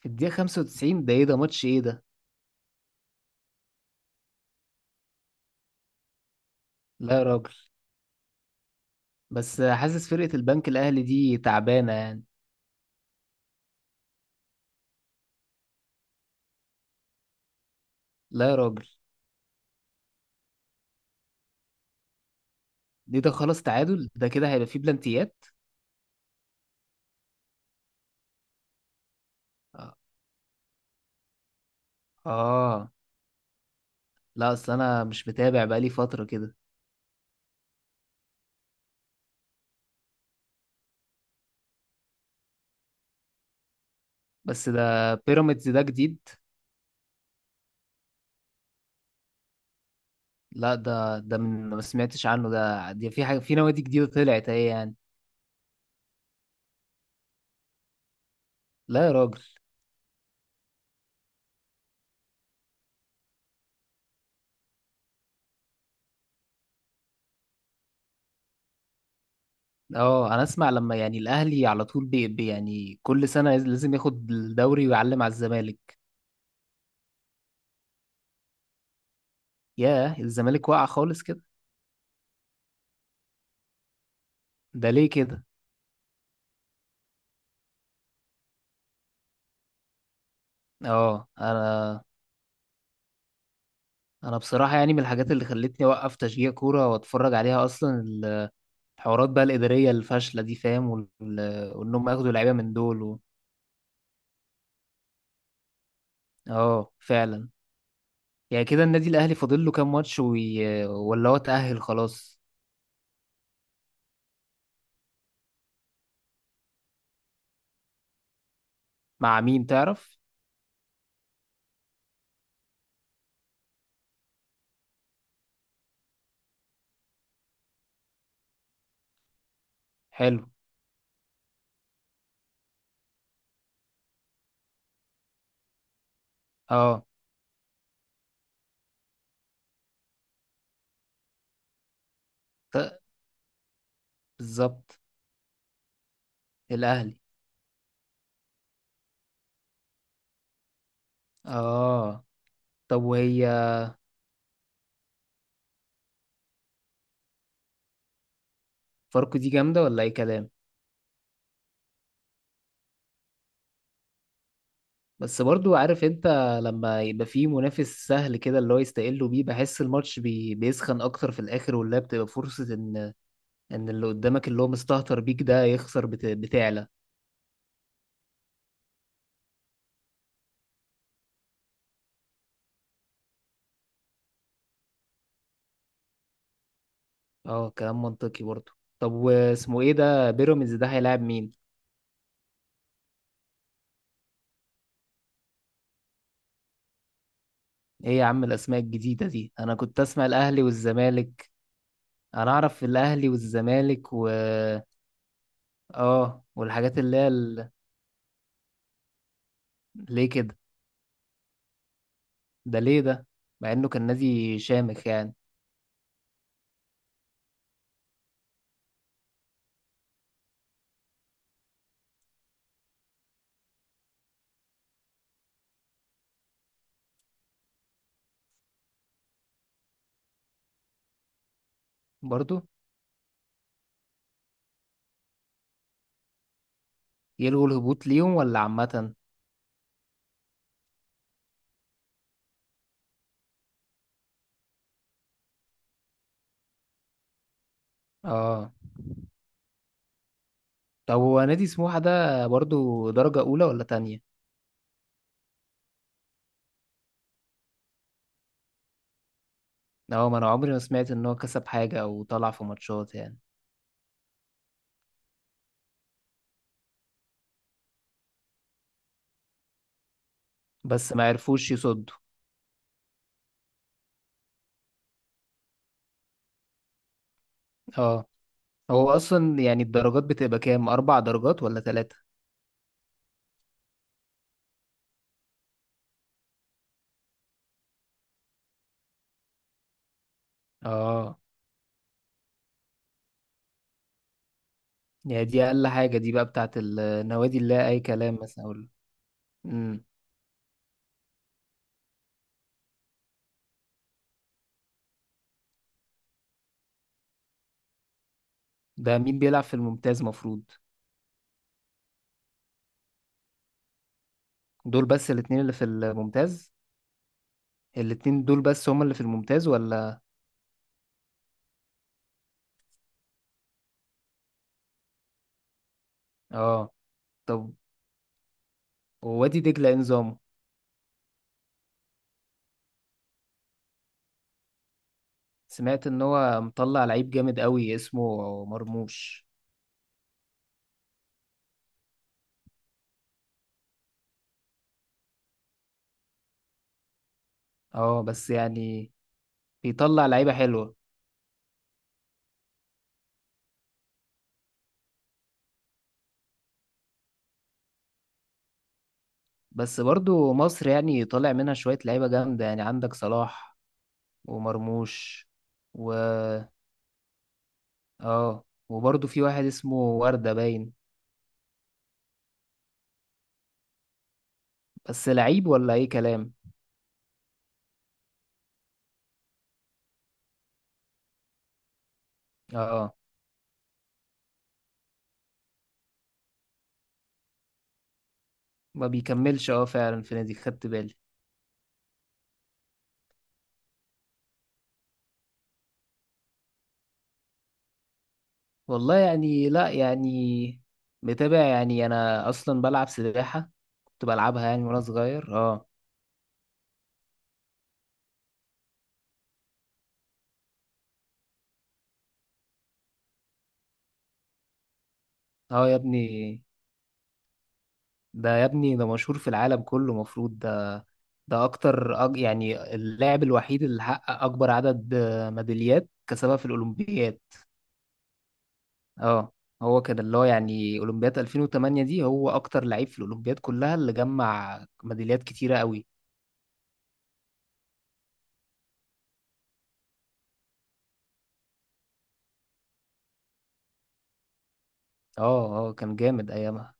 في الدقيقة 95، ده ايه؟ ده ماتش ايه ده؟ لا يا راجل. بس حاسس فرقة البنك الأهلي دي تعبانة يعني. لا يا راجل. دي ده خلاص، تعادل ده كده هيبقى فيه بلانتيات. آه. آه. لا، أصل أنا مش متابع بقالي فترة كده. بس ده بيراميدز ده جديد. لا، ده من ما سمعتش عنه، ده دي في حاجة، في نوادي جديدة طلعت اهي يعني. لا يا راجل. اه، انا اسمع لما يعني الاهلي على طول يعني كل سنة لازم ياخد الدوري ويعلم على الزمالك. ياه، الزمالك واقع خالص كده. ده ليه كده؟ اه، انا بصراحه يعني من الحاجات اللي خلتني اوقف تشجيع كوره واتفرج عليها اصلا، الحوارات بقى الاداريه الفاشله دي فاهم، وال. وان هم ياخدوا لعيبه من دول و. اه فعلا. يعني كده النادي الاهلي فاضل له كام ماتش وي. ولا هو اتاهل خلاص؟ مع مين تعرف؟ حلو. اه. ت- بالظبط. الاهلي. اه. طب وهي فاركو دي جامده ولا اي كلام؟ بس برضو عارف انت، لما يبقى فيه منافس سهل كده اللي هو يستقلوا بيه، بحس الماتش بيسخن اكتر في الاخر، واللي هي بتبقى فرصة ان، ان اللي قدامك اللي هو مستهتر بيك ده يخسر بت. بتعلى. اه كلام منطقي برضو. طب واسمه ايه ده بيراميدز ده؟ هيلاعب مين؟ ايه يا عم الاسماء الجديدة دي؟ انا كنت اسمع الاهلي والزمالك. انا اعرف الاهلي والزمالك، و. اه والحاجات اللي هي ال. ليه كده؟ ده ليه ده؟ مع انه كان نادي شامخ يعني. برضو. يلغوا الهبوط ليهم ولا عامة؟ اه، طب هو نادي سموحة ده برضو درجة أولى ولا تانية؟ اه، ما أنا عمري ما سمعت إن هو كسب حاجة أو طلع في ماتشات يعني. بس ما عرفوش يصدوا. اه. هو أصلا يعني الدرجات بتبقى كام؟ أربع درجات ولا تلاتة؟ اه. يعني دي أقل حاجة دي بقى بتاعت النوادي اللي هي أي كلام مثلا، أقول. امم. ده مين بيلعب في الممتاز مفروض؟ دول بس الاتنين اللي في الممتاز؟ الاتنين دول بس هما اللي في الممتاز ولا؟ اه. طب ووادي دجلة إيه نظامه؟ سمعت ان هو مطلع لعيب جامد قوي اسمه مرموش. اه بس يعني بيطلع لعيبة حلوة. بس برضو مصر يعني طالع منها شوية لعيبة جامدة، يعني عندك صلاح ومرموش. و، اه، وبرضو في واحد اسمه وردة باين. بس لعيب ولا اي كلام؟ اه. آه. ما بيكملش، اه فعلا. في نادي خدت بالي. والله يعني لا، يعني متابع يعني، انا اصلا بلعب سباحة، كنت بلعبها يعني وانا صغير، اه. اه يا ابني، ده يا ابني ده مشهور في العالم كله مفروض ده. ده اكتر يعني اللاعب الوحيد اللي حقق اكبر عدد ميداليات كسبها في الاولمبياد. اه. هو كان اللي هو يعني اولمبياد 2008 دي، هو اكتر لعيب في الاولمبياد كلها اللي جمع ميداليات كتيرة قوي. اه. اه، كان جامد ايامها.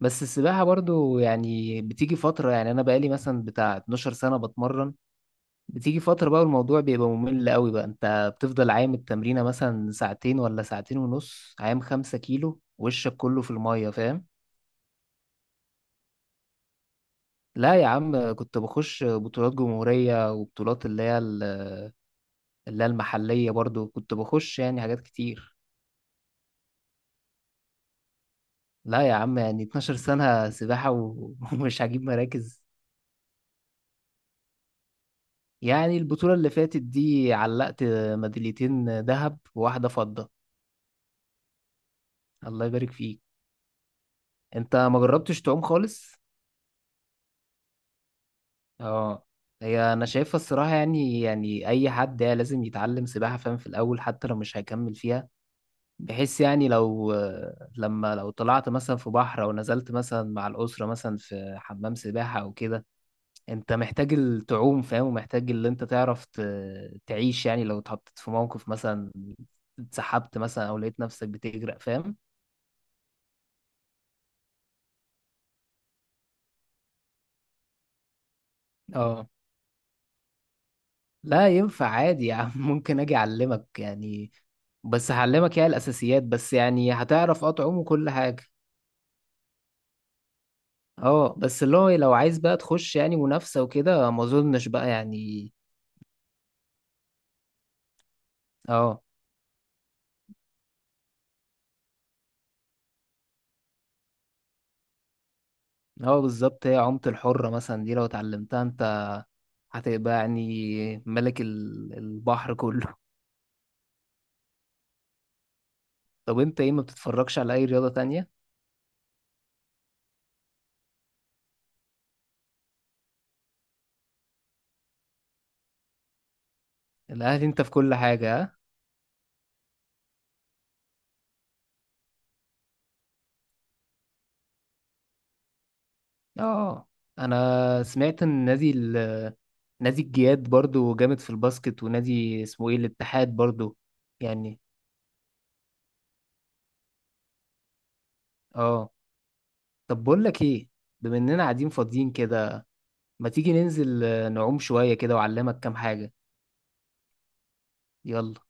بس السباحة برضو يعني بتيجي فترة، يعني انا بقالي مثلا بتاع 12 سنة بتمرن، بتيجي فترة بقى الموضوع بيبقى ممل قوي، بقى انت بتفضل عايم التمرينة مثلا ساعتين ولا ساعتين ونص، عايم خمسة كيلو وشك كله في المية، فاهم. لا يا عم، كنت بخش بطولات جمهورية وبطولات اللي هي ال. اللي هي المحلية برضو كنت بخش، يعني حاجات كتير. لا يا عم، يعني 12 سنة سباحة و- ومش هجيب مراكز؟ يعني البطولة اللي فاتت دي علقت ميداليتين ذهب وواحدة فضة. الله يبارك فيك. انت ما جربتش تعوم خالص؟ اه. هي انا شايفها الصراحه يعني اي حد يعني لازم يتعلم سباحه فاهم، في الاول، حتى لو مش هيكمل فيها، بحيث يعني لو، لما لو طلعت مثلا في بحر او نزلت مثلا مع الاسره مثلا في حمام سباحه او كده، انت محتاج التعوم فاهم، ومحتاج اللي انت تعرف تعيش يعني، لو اتحطيت في موقف مثلا، اتسحبت مثلا او لقيت نفسك بتغرق فاهم. اه. لا ينفع عادي يا عم، ممكن اجي اعلمك يعني، بس هعلمك يعني الاساسيات بس، يعني هتعرف اه تعوم وكل حاجه. اه، بس اللي هو لو عايز بقى تخش يعني منافسه وكده ما اظنش بقى يعني. اه. اه، بالظبط. هي عومة الحرة مثلا دي لو اتعلمتها انت، هتبقى يعني ملك البحر كله. طب انت ايه؟ ما بتتفرجش على اي رياضة تانية؟ الاهلي انت في كل حاجة، ها. اه. انا سمعت ان نادي ال. نادي الجياد برضو جامد في الباسكت، ونادي اسمه ايه، الاتحاد برضو. يعني اه. طب بقول لك ايه، بما اننا قاعدين فاضيين كده، ما تيجي ننزل نعوم شوية كده وأعلمك كام حاجة. يلا.